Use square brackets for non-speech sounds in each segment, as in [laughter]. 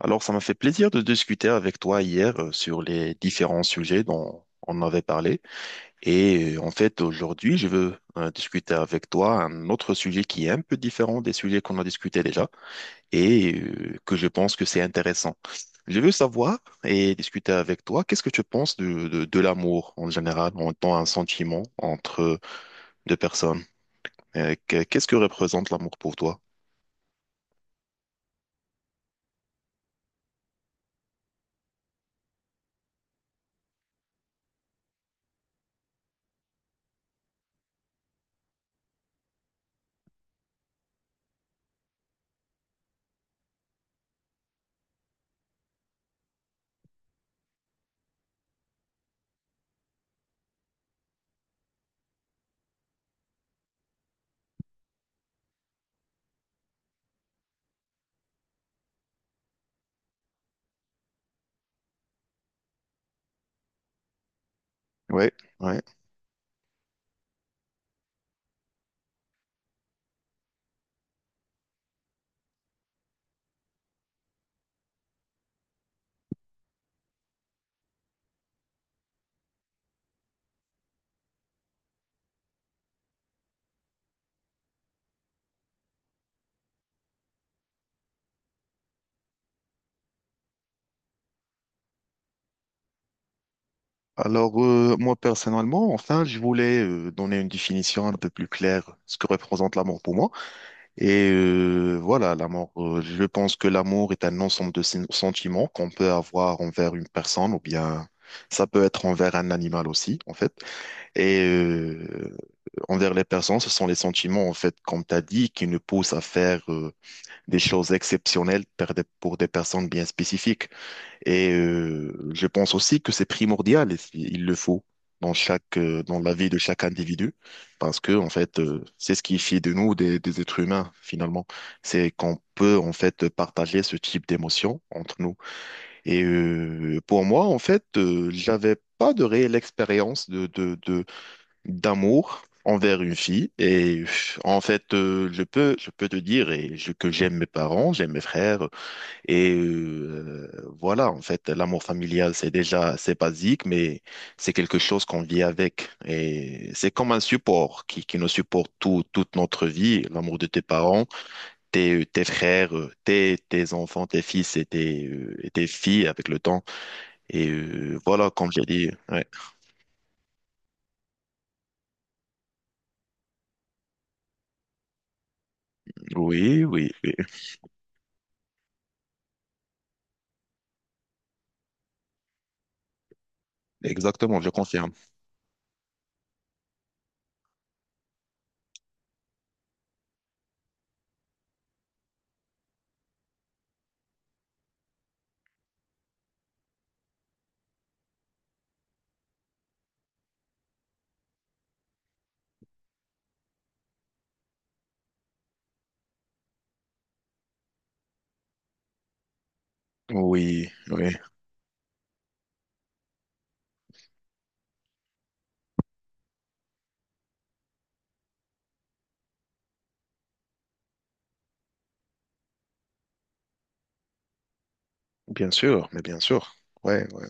Alors, ça m'a fait plaisir de discuter avec toi hier sur les différents sujets dont on avait parlé. Et en fait, aujourd'hui, je veux discuter avec toi un autre sujet qui est un peu différent des sujets qu'on a discutés déjà et que je pense que c'est intéressant. Je veux savoir et discuter avec toi, qu'est-ce que tu penses de l'amour en général, en tant un sentiment entre deux personnes? Qu'est-ce que représente l'amour pour toi? Ouais, ouais. Alors, moi, personnellement, enfin, je voulais donner une définition un peu plus claire ce que représente l'amour pour moi. Et voilà, l'amour, je pense que l'amour est un ensemble de sentiments qu'on peut avoir envers une personne ou bien ça peut être envers un animal aussi, en fait. Et envers les personnes, ce sont les sentiments, en fait, comme tu as dit, qui nous poussent à faire des choses exceptionnelles pour des personnes bien spécifiques. Et je pense aussi que c'est primordial, et si, il le faut dans la vie de chaque individu, parce que en fait, c'est ce qui fait de nous des êtres humains finalement. C'est qu'on peut en fait partager ce type d'émotion entre nous. Et pour moi, en fait, j'avais pas de réelle expérience de d'amour envers une fille. Et en fait, je peux te dire que j'aime mes parents, j'aime mes frères. Et voilà, en fait, l'amour familial, c'est déjà, c'est basique, mais c'est quelque chose qu'on vit avec. Et c'est comme un support qui nous supporte toute notre vie. L'amour de tes parents, tes frères, tes enfants, tes fils et tes filles avec le temps. Et voilà, comme j'ai dit, ouais. Oui, oui, oui, exactement, je confirme. Oui, oui, bien sûr, mais bien sûr. Ouais, ouais,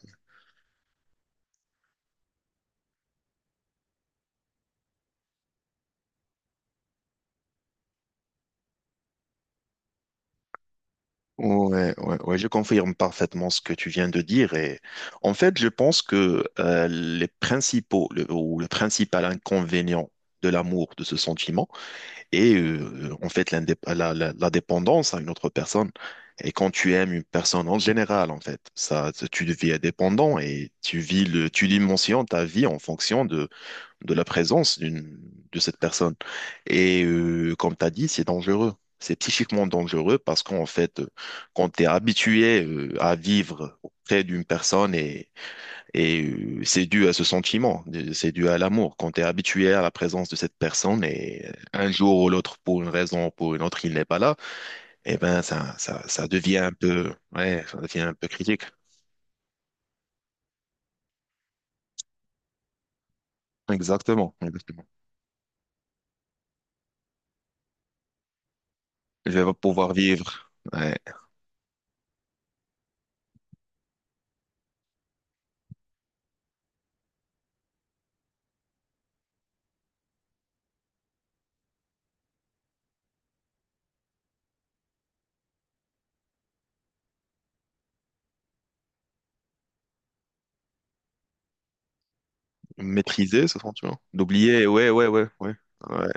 ouais, ouais, ouais, je confirme parfaitement ce que tu viens de dire. Et en fait, je pense que les principaux le- ou le principal inconvénient de l'amour, de ce sentiment, est en fait la dépendance à une autre personne. Et quand tu aimes une personne en général, en fait, ça, tu deviens dépendant et tu dimensions ta vie en fonction de la présence de cette personne. Et comme tu as dit, c'est dangereux. C'est psychiquement dangereux parce qu'en fait, quand tu es habitué à vivre auprès d'une personne c'est dû à ce sentiment, c'est dû à l'amour. Quand tu es habitué à la présence de cette personne et un jour ou l'autre, pour une raison ou pour une autre, il n'est pas là, eh ben ça devient un peu, ouais, ça devient un peu critique. Exactement. Je vais pouvoir vivre. Ouais. Maîtriser, ça se rend, tu vois. D'oublier, ouais, ouais, ouais, ouais. Ouais,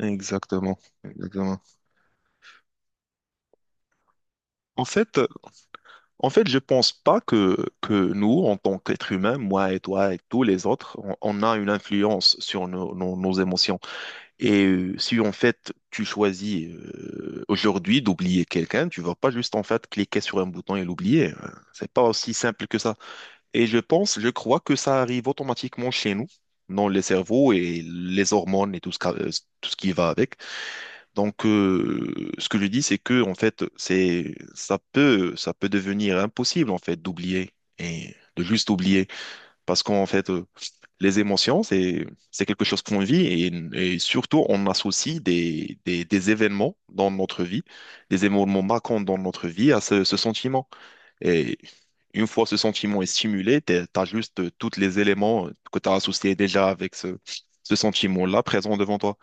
exactement, exactement. En fait, je pense pas que nous, en tant qu'êtres humains, moi et toi et tous les autres, on a une influence sur nos émotions. Et si en fait tu choisis aujourd'hui d'oublier quelqu'un, tu vas pas juste en fait cliquer sur un bouton et l'oublier. C'est pas aussi simple que ça. Et je crois que ça arrive automatiquement chez nous, dans les cerveaux et les hormones et tout ce qui va avec. Donc, ce que je dis, c'est que en fait, c'est ça peut devenir impossible en fait d'oublier et de juste oublier parce qu'en fait, les émotions, c'est quelque chose qu'on vit et surtout on associe des événements dans notre vie, des événements marquants dans notre vie à ce sentiment. Et une fois ce sentiment est stimulé, t'as juste tous les éléments que tu as associés déjà avec ce sentiment-là présent devant toi.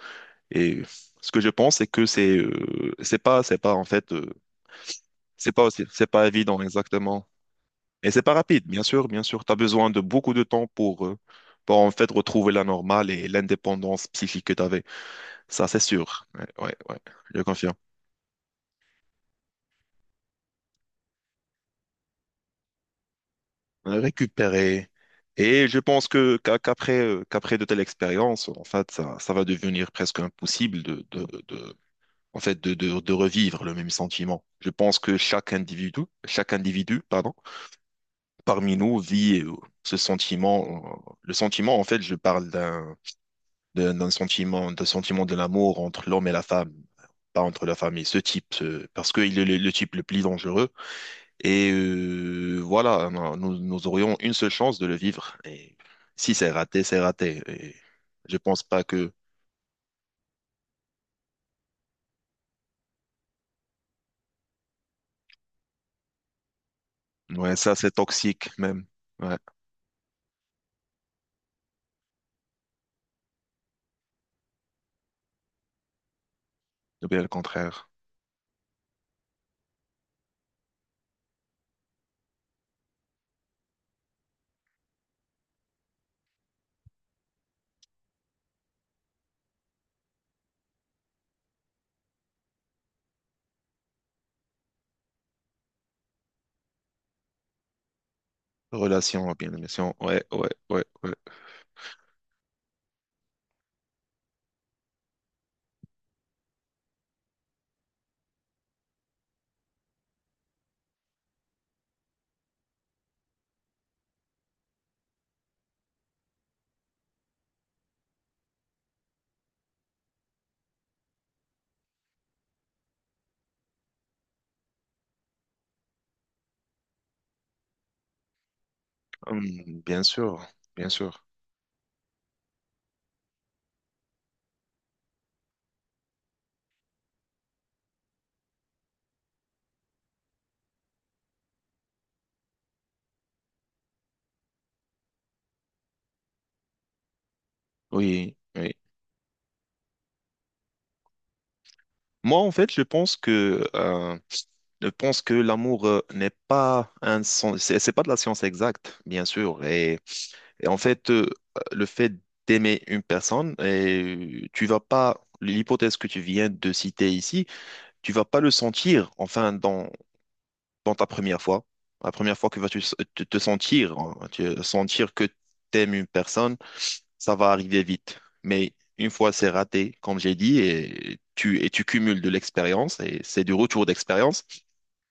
Et ce que je pense, c'est que c'est c'est pas en fait c'est pas évident exactement. Et c'est pas rapide, bien sûr, bien sûr. Tu as besoin de beaucoup de temps pour en fait retrouver la normale et l'indépendance psychique que tu avais. Ça, c'est sûr. Ouais, ouais, ouais, je confirme. Récupérer. Et je pense que qu'après de telles expériences, en fait, ça va devenir presque impossible de en fait de revivre le même sentiment. Je pense que chaque individu, pardon parmi nous vit ce sentiment. Le sentiment, en fait, je parle d'un sentiment de l'amour entre l'homme et la femme, pas entre la femme et ce type, parce qu'il est le type le plus dangereux. Et voilà, non, nous aurions une seule chance de le vivre. Et si c'est raté, c'est raté. Et je pense pas que. Ouais, ça, c'est toxique même. Ouais, ou bien le contraire. Relation, bien bien sûr. Ouais, ouais, ouais, ouais. Bien sûr, bien sûr. Oui, oui. Moi, en fait, je pense que l'amour n'est pas un sens, c'est pas de la science exacte, bien sûr. Et en fait, le fait d'aimer une personne, et tu vas pas, l'hypothèse que tu viens de citer ici, tu vas pas le sentir, enfin, dans ta première fois. La première fois que vas-tu te sentir, hein, sentir que tu aimes une personne ça va arriver vite. Mais une fois c'est raté, comme j'ai dit, et tu cumules de l'expérience, et c'est du retour d'expérience,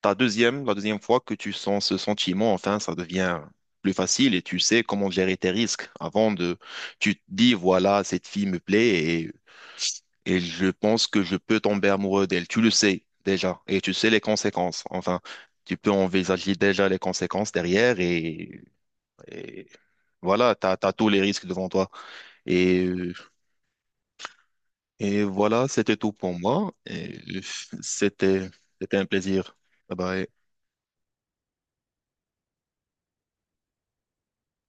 la deuxième fois que tu sens ce sentiment, enfin, ça devient plus facile et tu sais comment gérer tes risques. Tu te dis, voilà, cette fille me plaît et, et je pense que je peux tomber amoureux d'elle. Tu le sais déjà et tu sais les conséquences. Enfin, tu peux envisager déjà les conséquences derrière et voilà, t'as tous les risques devant toi. Et euh, Et voilà, c'était tout pour moi. Et [laughs] c'était, c'était un plaisir. Bye bye.